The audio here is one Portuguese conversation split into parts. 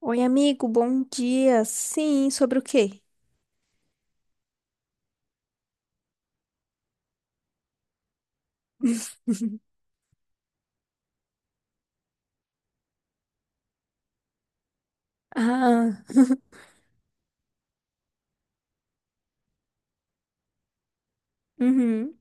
Oi, amigo, bom dia. Sim, sobre o quê? Ah, uhum.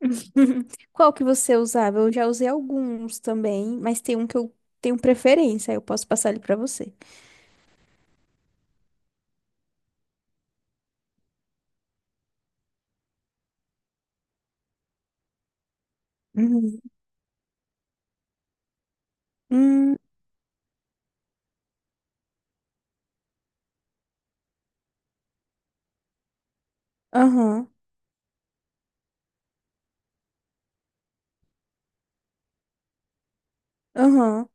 Qual que você usava? Eu já usei alguns também, mas tem um que eu tenho preferência, eu posso passar ele pra você. Uhum. Hum. Aham, aham.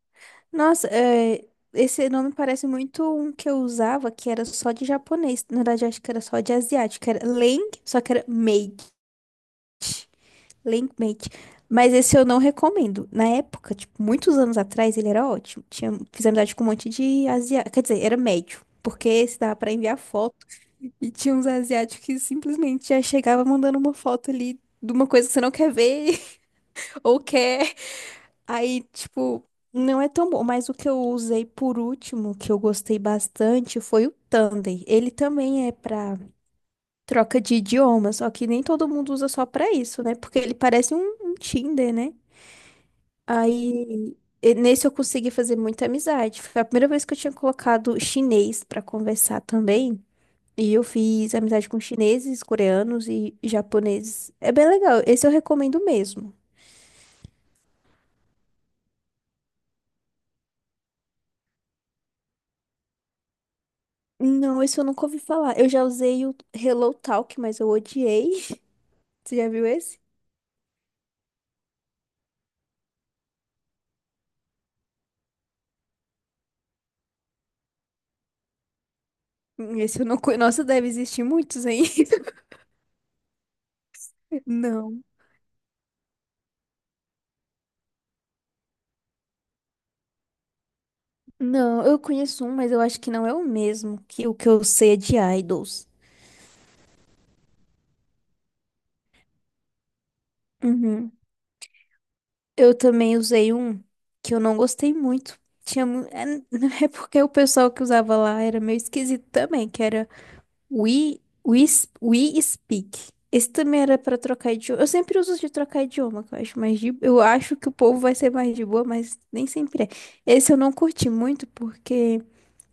Nossa, é, esse nome parece muito um que eu usava que era só de japonês. Na verdade, acho que era só de asiático. Era Leng, só que era Made. Linkmate. Mas esse eu não recomendo. Na época, tipo, muitos anos atrás, ele era ótimo. Tinha, fiz amizade com um monte de asiático. Quer dizer, era médio. Porque esse dava pra enviar foto. E tinha uns asiáticos que simplesmente já chegava mandando uma foto ali de uma coisa que você não quer ver, ou quer. Aí, tipo, não é tão bom. Mas o que eu usei por último, que eu gostei bastante, foi o Tandem. Ele também é pra troca de idioma, só que nem todo mundo usa só pra isso, né? Porque ele parece um Tinder, né? Aí, e nesse eu consegui fazer muita amizade. Foi a primeira vez que eu tinha colocado chinês pra conversar também. E eu fiz amizade com chineses, coreanos e japoneses. É bem legal. Esse eu recomendo mesmo. Não, esse eu nunca ouvi falar. Eu já usei o Hello Talk, mas eu odiei. Você já viu esse? Esse eu não conheço. Nossa, deve existir muitos aí. Não. Não, eu conheço um, mas eu acho que não é o mesmo, que o que eu sei é de idols. Uhum. Eu também usei um que eu não gostei muito. Tinha, é é porque o pessoal que usava lá era meio esquisito também, que era We, We, We Speak. Esse também era pra trocar idioma. Eu sempre uso de trocar idioma, que eu acho mais de... Eu acho que o povo vai ser mais de boa, mas nem sempre é. Esse eu não curti muito porque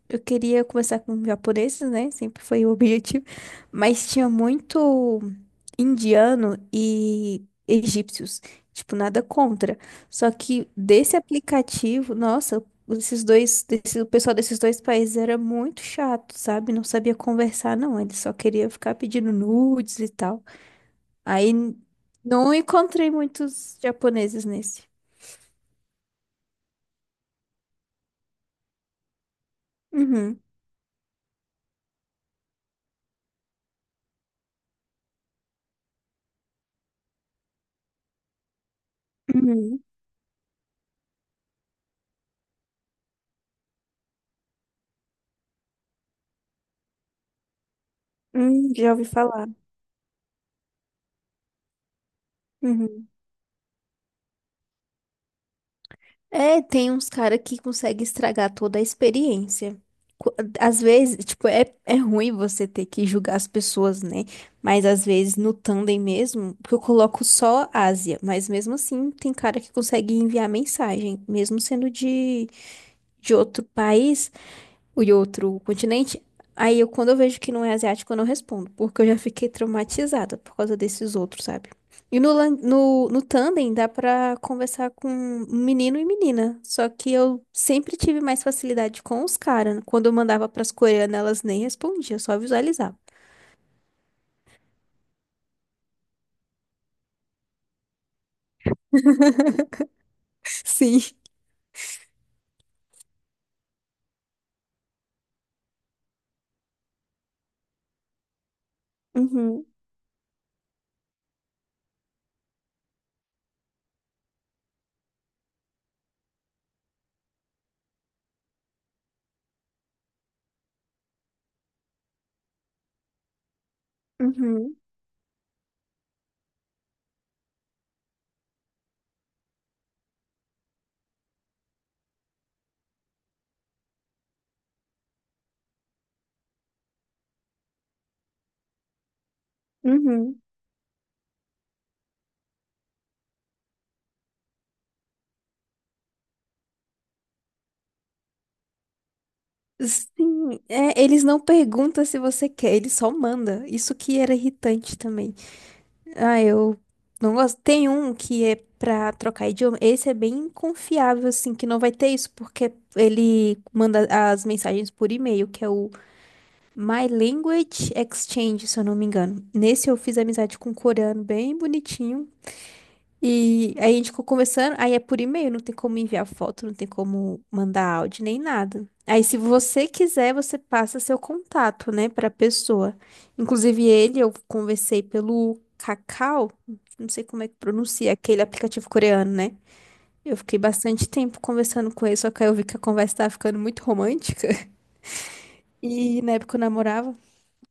eu queria começar com japoneses, né? Sempre foi o objetivo. Mas tinha muito indiano e egípcios. Tipo, nada contra. Só que desse aplicativo, nossa, esses dois, desse, o pessoal desses dois países era muito chato, sabe? Não sabia conversar, não. Ele só queria ficar pedindo nudes e tal. Aí não encontrei muitos japoneses nesse. Uhum. Uhum. Já ouvi falar. Uhum. É, tem uns caras que conseguem estragar toda a experiência. Qu- Às vezes, tipo, é, é ruim você ter que julgar as pessoas, né? Mas às vezes no Tandem mesmo, porque eu coloco só Ásia, mas mesmo assim tem cara que consegue enviar mensagem, mesmo sendo de outro país, o outro continente. Aí eu, quando eu vejo que não é asiático, eu não respondo, porque eu já fiquei traumatizada por causa desses outros, sabe? E no Tandem dá pra conversar com menino e menina, só que eu sempre tive mais facilidade com os caras. Quando eu mandava pras coreanas, elas nem respondiam, só visualizavam. Sim. Uhum, uhum, uhum. Sim, é, eles não perguntam se você quer, eles só mandam. Isso que era irritante também. Ah, eu não gosto. Tem um que é pra trocar idioma. Esse é bem confiável, assim, que não vai ter isso, porque ele manda as mensagens por e-mail, que é o My Language Exchange, se eu não me engano. Nesse eu fiz amizade com um coreano bem bonitinho. E aí a gente ficou conversando, aí é por e-mail, não tem como enviar foto, não tem como mandar áudio nem nada. Aí se você quiser, você passa seu contato, né, pra pessoa. Inclusive ele, eu conversei pelo Kakao, não sei como é que pronuncia, aquele aplicativo coreano, né? Eu fiquei bastante tempo conversando com ele, só que aí eu vi que a conversa tava ficando muito romântica. E na época eu namorava,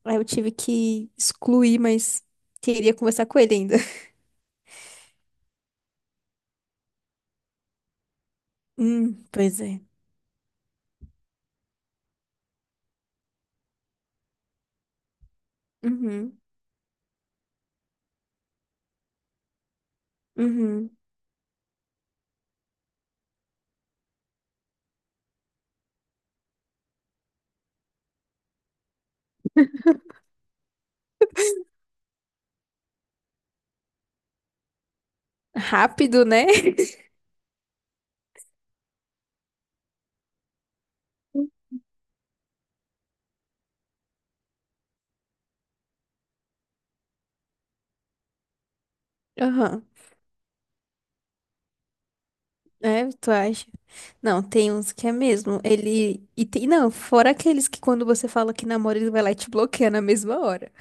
aí eu tive que excluir, mas queria conversar com ele ainda. Pois é. Uhum, uhum. Rápido, né? Aham. É, tu acha? Não, tem uns que é mesmo. Ele. E tem. Não, fora aqueles que quando você fala que namora, ele vai lá e te bloqueia na mesma hora.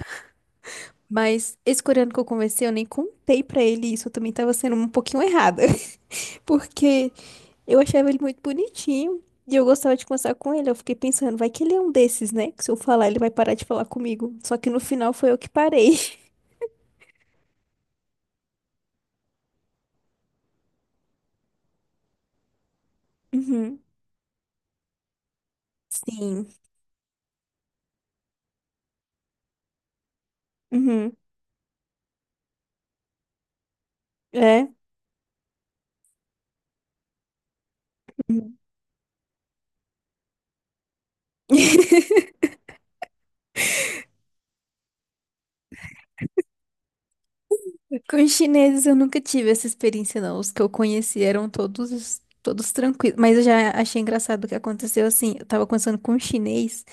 Mas esse coreano que eu conversei, eu nem contei pra ele isso. Eu também tava sendo um pouquinho errada. Porque eu achava ele muito bonitinho. E eu gostava de conversar com ele. Eu fiquei pensando, vai que ele é um desses, né? Que se eu falar, ele vai parar de falar comigo. Só que no final foi eu que parei. Uhum. Sim. Uhum. É. Uhum. Com os chineses eu nunca tive essa experiência, não. Os que eu conheci eram todos, todos tranquilos. Mas eu já achei engraçado o que aconteceu assim. Eu tava conversando com um chinês.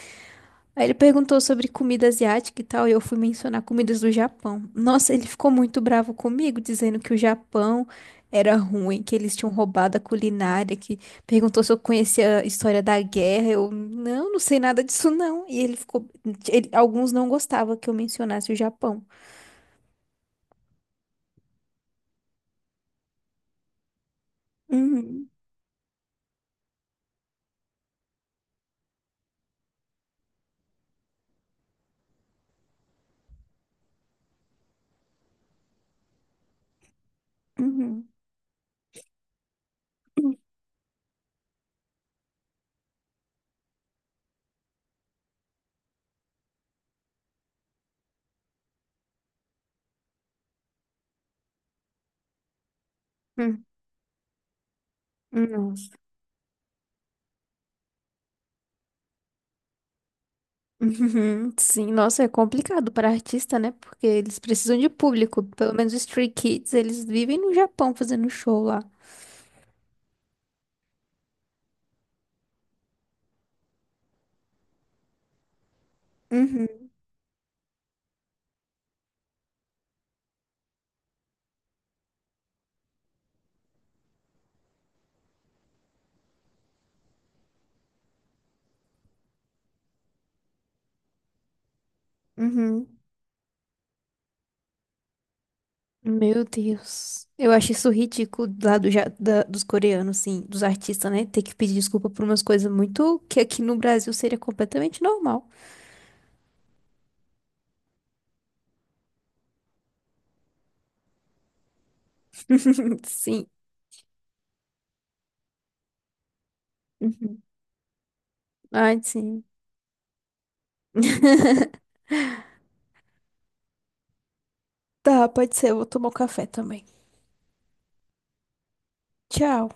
Aí ele perguntou sobre comida asiática e tal. E eu fui mencionar comidas do Japão. Nossa, ele ficou muito bravo comigo, dizendo que o Japão era ruim, que eles tinham roubado a culinária, que perguntou se eu conhecia a história da guerra. Eu, não, não sei nada disso, não. E ele ficou. Alguns não gostavam que eu mencionasse o Japão. Uhum, uhum. Uhum. Nossa. Uhum. Sim, nossa, é complicado para artista, né? Porque eles precisam de público. Pelo menos os Stray Kids, eles vivem no Japão fazendo show lá. Uhum, uhum. Meu Deus. Eu acho isso ridículo lá dos coreanos, sim, dos artistas, né? Ter que pedir desculpa por umas coisas muito que aqui no Brasil seria completamente normal. Sim. Uhum. Ai, sim. Tá, pode ser. Eu vou tomar um café também. Tchau.